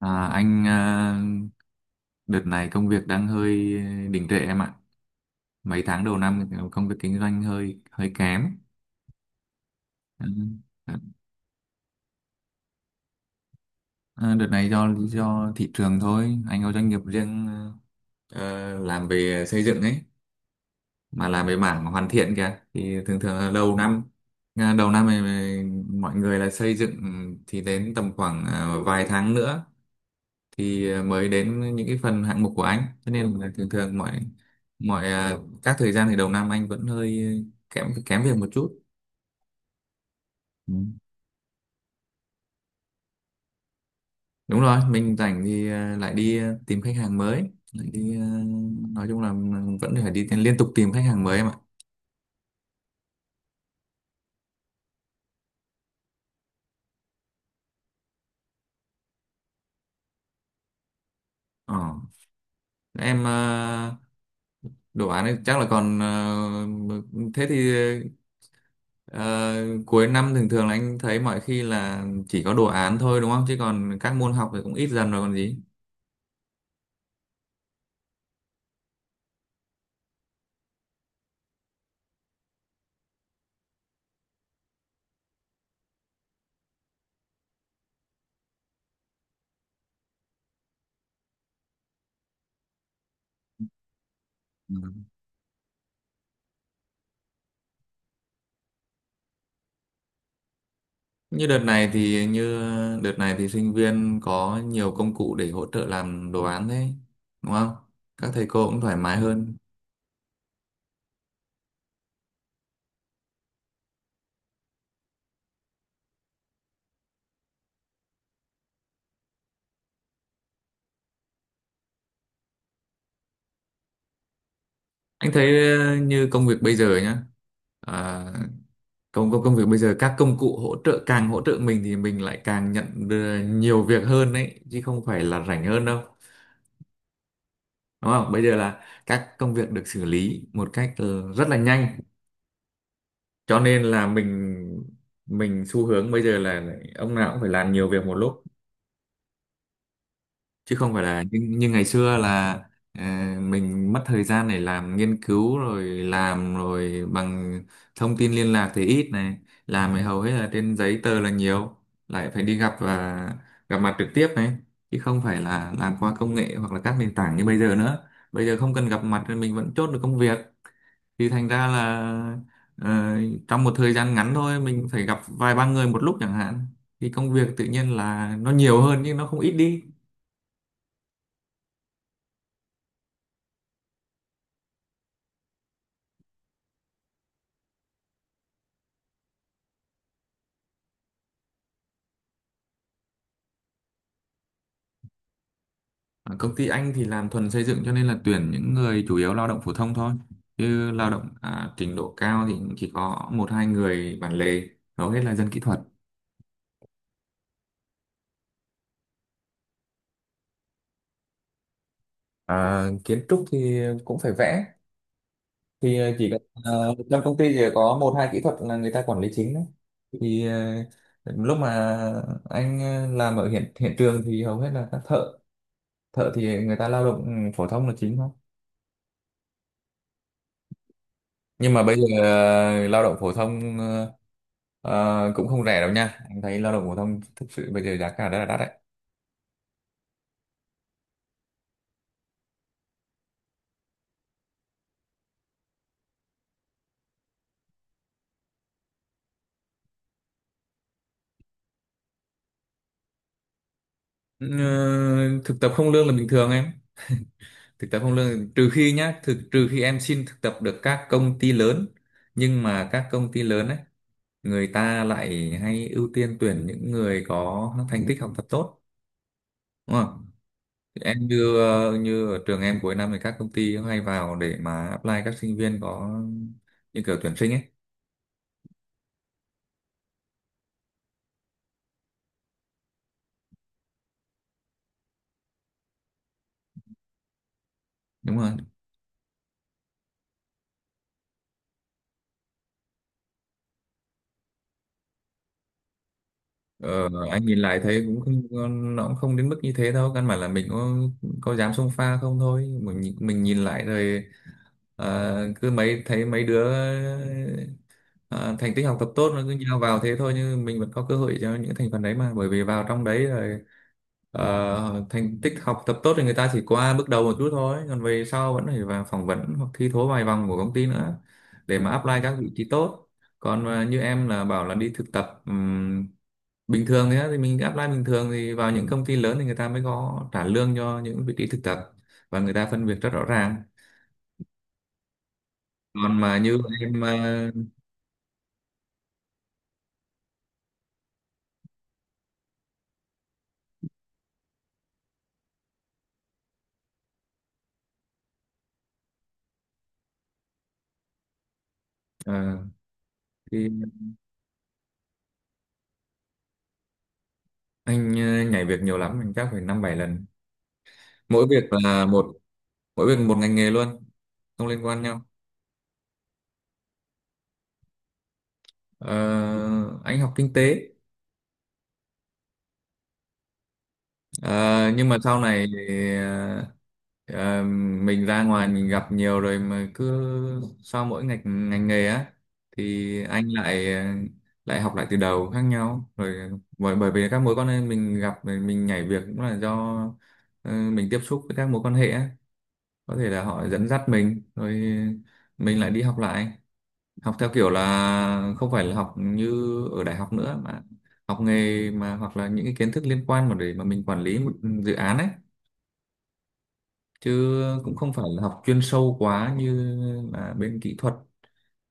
À, anh à, đợt này công việc đang hơi đình trệ em ạ. Mấy tháng đầu năm thì công việc kinh doanh hơi hơi kém. Ừ. À, đợt này do lý do thị trường thôi. Anh có doanh nghiệp riêng, ờ, làm về xây dựng ấy, mà làm về mảng hoàn thiện kìa. Thì thường thường là đầu năm này mọi người là xây dựng, thì đến tầm khoảng vài tháng nữa thì mới đến những cái phần hạng mục của anh, cho nên là thường thường mọi mọi ờ, các thời gian thì đầu năm anh vẫn hơi kém kém việc một chút. Ừ. Đúng rồi, mình rảnh thì lại đi tìm khách hàng mới, lại đi, nói chung là vẫn phải đi liên tục tìm khách hàng mới em ạ. Ờ. Em, đồ án ấy chắc là còn, thế thì, ờ, cuối năm thường thường là anh thấy mọi khi là chỉ có đồ án thôi đúng không, chứ còn các môn học thì cũng ít dần rồi còn gì. Ừ. Như đợt này thì sinh viên có nhiều công cụ để hỗ trợ làm đồ án đấy, đúng không? Các thầy cô cũng thoải mái hơn. Anh thấy như công việc bây giờ nhá. À, công công công việc bây giờ các công cụ hỗ trợ càng hỗ trợ mình thì mình lại càng nhận được nhiều việc hơn đấy, chứ không phải là rảnh hơn đâu. Đúng không? Bây giờ là các công việc được xử lý một cách rất là nhanh. Cho nên là mình xu hướng bây giờ là ông nào cũng phải làm nhiều việc một lúc, chứ không phải là như ngày xưa là, ờ, mình mất thời gian để làm nghiên cứu rồi làm rồi bằng thông tin liên lạc thì ít này, làm thì hầu hết là trên giấy tờ là nhiều, lại phải đi gặp và gặp mặt trực tiếp này, chứ không phải là làm qua công nghệ hoặc là các nền tảng như bây giờ nữa. Bây giờ không cần gặp mặt thì mình vẫn chốt được công việc, thì thành ra là ờ, trong một thời gian ngắn thôi mình phải gặp vài ba người một lúc chẳng hạn, thì công việc tự nhiên là nó nhiều hơn nhưng nó không ít đi. Ở công ty anh thì làm thuần xây dựng, cho nên là tuyển những người chủ yếu lao động phổ thông thôi. Chứ lao động, trình độ cao thì chỉ có một hai người bản lề, hầu hết là dân kỹ thuật. À, kiến trúc thì cũng phải vẽ. Thì chỉ cần, trong công ty chỉ có một hai kỹ thuật là người ta quản lý chính đấy. Thì lúc mà anh làm ở hiện hiện trường thì hầu hết là các thợ, thợ thì người ta lao động phổ thông là chính thôi. Nhưng mà bây giờ lao động phổ thông cũng không rẻ đâu nha, anh thấy lao động phổ thông thực sự bây giờ giá cả rất là đắt đấy. Ừ, thực tập không lương là bình thường em, thực tập không lương trừ khi nhá, trừ khi em xin thực tập được các công ty lớn. Nhưng mà các công ty lớn ấy người ta lại hay ưu tiên tuyển những người có thành tích học tập tốt, đúng không? Em, như ở trường em cuối năm thì các công ty hay vào để mà apply các sinh viên, có như kiểu tuyển sinh ấy. Đúng rồi. Ờ, anh nhìn lại thấy cũng không, nó cũng không đến mức như thế đâu. Căn bản là mình có dám xông pha không thôi. Mình nhìn lại rồi, cứ thấy mấy đứa ờ, thành tích học tập tốt nó cứ nhào vào thế thôi, nhưng mình vẫn có cơ hội cho những thành phần đấy mà, bởi vì vào trong đấy rồi thành tích học tập tốt thì người ta chỉ qua bước đầu một chút thôi, còn về sau vẫn phải vào phỏng vấn hoặc thi thố vài vòng của công ty nữa để mà apply các vị trí tốt. Còn như em là bảo là đi thực tập bình thường, thế thì mình apply bình thường, thì vào những công ty lớn thì người ta mới có trả lương cho những vị trí thực tập, và người ta phân việc rất rõ ràng. Còn mà như em, ờ, thì anh nhảy việc nhiều lắm, anh chắc phải năm bảy lần, mỗi việc là một mỗi việc một ngành nghề luôn, không liên quan nhau. Ờ, anh học kinh tế. Ờ, nhưng mà sau này thì, ờ, mình ra ngoài mình gặp nhiều rồi mà, cứ sau mỗi ngành ngành nghề á thì anh lại lại học lại từ đầu khác nhau rồi, bởi bởi vì các mối quan hệ mình gặp rồi mình nhảy việc cũng là do mình tiếp xúc với các mối quan hệ á, có thể là họ dẫn dắt mình rồi mình lại đi học lại, học theo kiểu là không phải là học như ở đại học nữa, mà học nghề mà, hoặc là những cái kiến thức liên quan mà để mà mình quản lý một dự án ấy, chứ cũng không phải là học chuyên sâu quá như là bên kỹ thuật,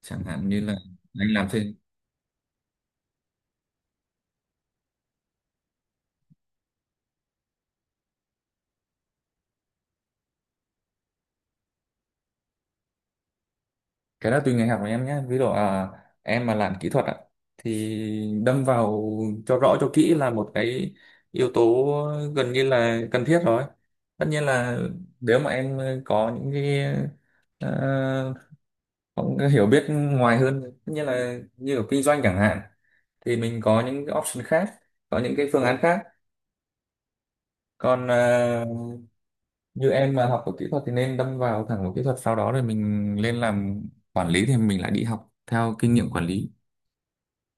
chẳng hạn như là anh làm trên. Cái đó tùy ngành học của em nhé, ví dụ em mà làm kỹ thuật ạ thì đâm vào cho rõ cho kỹ là một cái yếu tố gần như là cần thiết rồi. Tất nhiên là nếu mà em có những cái, ờ, cũng có hiểu biết ngoài hơn, tất nhiên là như ở kinh doanh chẳng hạn, thì mình có những cái option khác, có những cái phương án khác. Còn như em mà học ở kỹ thuật thì nên đâm vào, thẳng vào kỹ thuật, sau đó rồi mình lên làm quản lý thì mình lại đi học theo kinh nghiệm quản lý.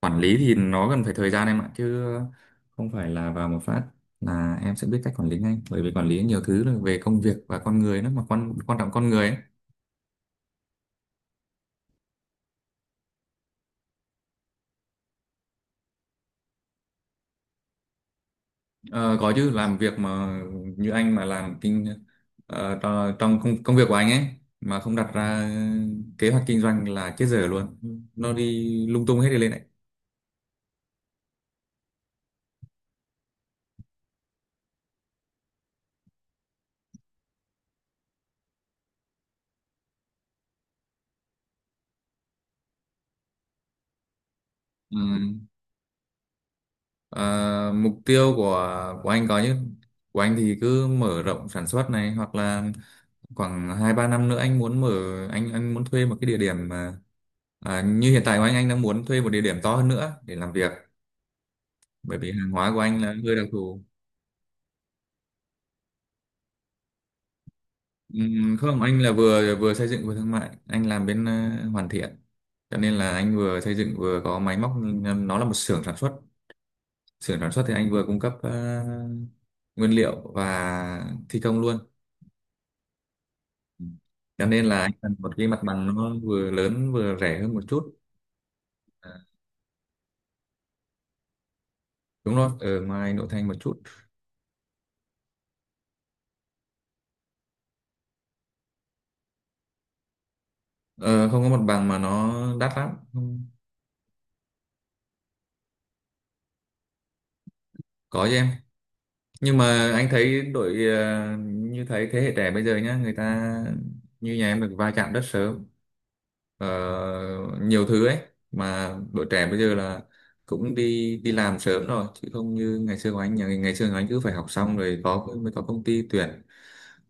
Quản lý thì nó cần phải thời gian em ạ, chứ không phải là vào một phát là em sẽ biết cách quản lý ngay, bởi vì quản lý nhiều thứ là về công việc và con người nữa, mà quan quan trọng con người ấy. Ờ, có chứ, làm việc mà. Như anh mà làm trong công việc của anh ấy, mà không đặt ra kế hoạch kinh doanh là chết dở luôn, nó đi lung tung hết đi lên này. Ừ. Ờ, mục tiêu của anh có chứ, của anh thì cứ mở rộng sản xuất này, hoặc là khoảng hai ba năm nữa anh muốn thuê một cái địa điểm mà, như hiện tại của anh đang muốn thuê một địa điểm to hơn nữa để làm việc, bởi vì hàng hóa của anh là hơi đặc thù. Không, anh là vừa vừa xây dựng vừa thương mại, anh làm bên hoàn thiện. Cho nên là anh vừa xây dựng vừa có máy móc, nhưng nó là một xưởng sản xuất. Xưởng sản xuất thì anh vừa cung cấp nguyên liệu và thi công luôn. Ừ. Cho nên là anh cần một cái mặt bằng nó vừa lớn vừa rẻ hơn một chút. À, đúng rồi, ở ngoài nội thành một chút. Ờ, không có mặt bằng mà nó đắt lắm. Không, có chứ em. Nhưng mà anh thấy đội, như thấy thế hệ trẻ bây giờ nhá, người ta như nhà em được va chạm rất sớm, ờ, nhiều thứ ấy, mà đội trẻ bây giờ là cũng đi đi làm sớm rồi, chứ không như ngày xưa của anh. Nhà ngày xưa của anh cứ phải học xong rồi mới có công ty tuyển,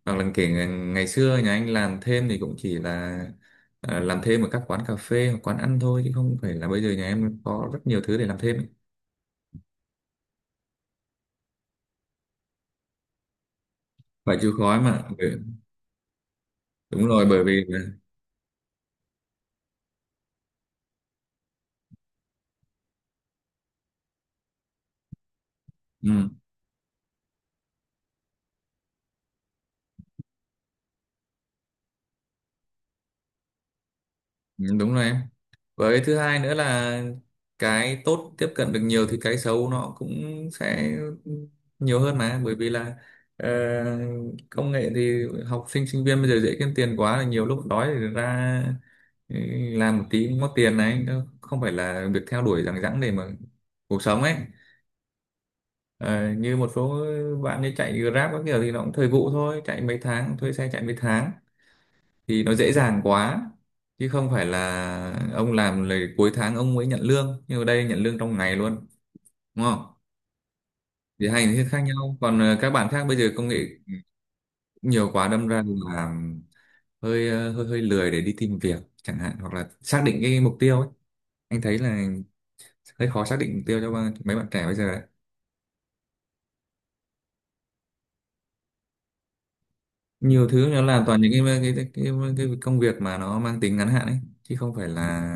hoặc là kể ngày xưa nhà anh làm thêm thì cũng chỉ là làm thêm ở các quán cà phê hoặc quán ăn thôi, chứ không phải là bây giờ nhà em có rất nhiều thứ để làm thêm ấy. Phải chịu khó ấy mà. Ừ, đúng rồi, bởi vì, ừ, đúng rồi em, với thứ hai nữa là cái tốt tiếp cận được nhiều thì cái xấu nó cũng sẽ nhiều hơn mà, bởi vì là ờ, công nghệ thì học sinh sinh viên bây giờ dễ kiếm tiền quá, là nhiều lúc đói thì ra, ừ, làm một tí cũng có tiền này, nó không phải là việc theo đuổi rằng rẵng để mà cuộc sống ấy. Ờ, như một số bạn như chạy Grab các kiểu thì nó cũng thời vụ thôi, chạy mấy tháng thuê xe chạy mấy tháng thì nó dễ dàng quá, chứ không phải là ông làm là cuối tháng ông mới nhận lương, nhưng ở đây nhận lương trong ngày luôn, đúng không? Thì hai hình thức khác nhau. Còn các bạn khác bây giờ công nghệ nhiều quá đâm ra là hơi, hơi hơi lười để đi tìm việc chẳng hạn, hoặc là xác định cái mục tiêu ấy. Anh thấy là hơi khó xác định mục tiêu cho mấy bạn trẻ bây giờ đấy. Nhiều thứ nó làm toàn những cái công việc mà nó mang tính ngắn hạn ấy, chứ không phải là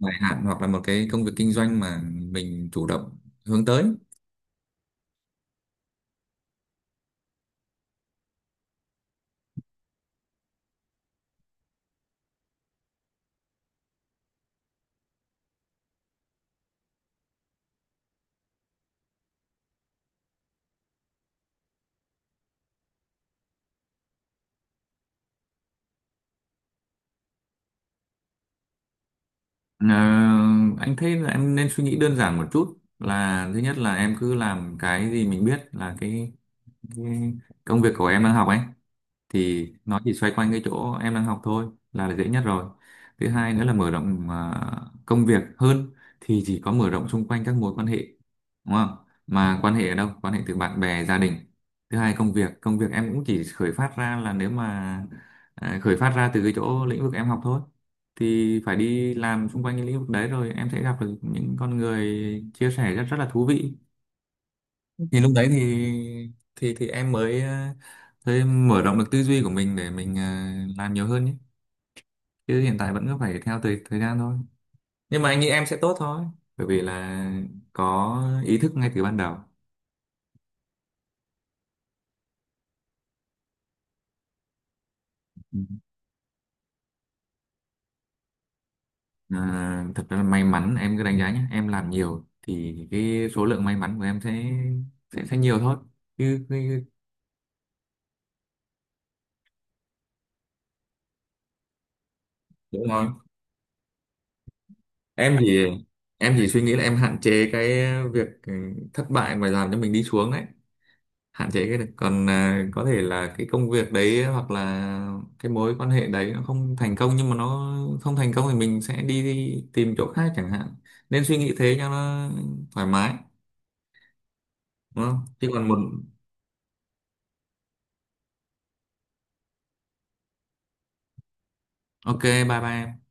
dài hạn, hoặc là một cái công việc kinh doanh mà mình chủ động hướng tới. Ờ, anh thấy là em nên suy nghĩ đơn giản một chút, là thứ nhất là em cứ làm cái gì mình biết, là cái công việc của em đang học ấy, thì nó chỉ xoay quanh cái chỗ em đang học thôi, là dễ nhất rồi. Thứ hai nữa là mở rộng công việc hơn thì chỉ có mở rộng xung quanh các mối quan hệ, đúng không? Mà quan hệ ở đâu? Quan hệ từ bạn bè gia đình. Thứ hai, công việc em cũng chỉ khởi phát ra là, nếu mà, khởi phát ra từ cái chỗ lĩnh vực em học thôi, thì phải đi làm xung quanh cái lĩnh vực đấy rồi em sẽ gặp được những con người chia sẻ rất rất là thú vị. Thì lúc đấy thì em mới, ờ, mới mở rộng được tư duy của mình để mình làm nhiều hơn nhé, chứ hiện tại vẫn cứ phải theo thời thời gian thôi. Nhưng mà anh nghĩ em sẽ tốt thôi, bởi vì là có ý thức ngay từ ban đầu. Ừ. Thật ra là may mắn em cứ đánh giá nhé, em làm nhiều thì cái số lượng may mắn của em sẽ sẽ nhiều thôi, chứ chứ- đúng rồi, em thì em chỉ suy nghĩ là em hạn chế cái việc, thất bại mà làm cho mình đi xuống đấy, hạn chế cái được, còn có thể là cái công việc đấy hoặc là cái mối quan hệ đấy nó không thành công, nhưng mà nó không thành công thì mình sẽ đi tìm chỗ khác chẳng hạn, nên suy nghĩ thế cho nó thoải mái. Đúng không? Chứ còn một OK, bye bye.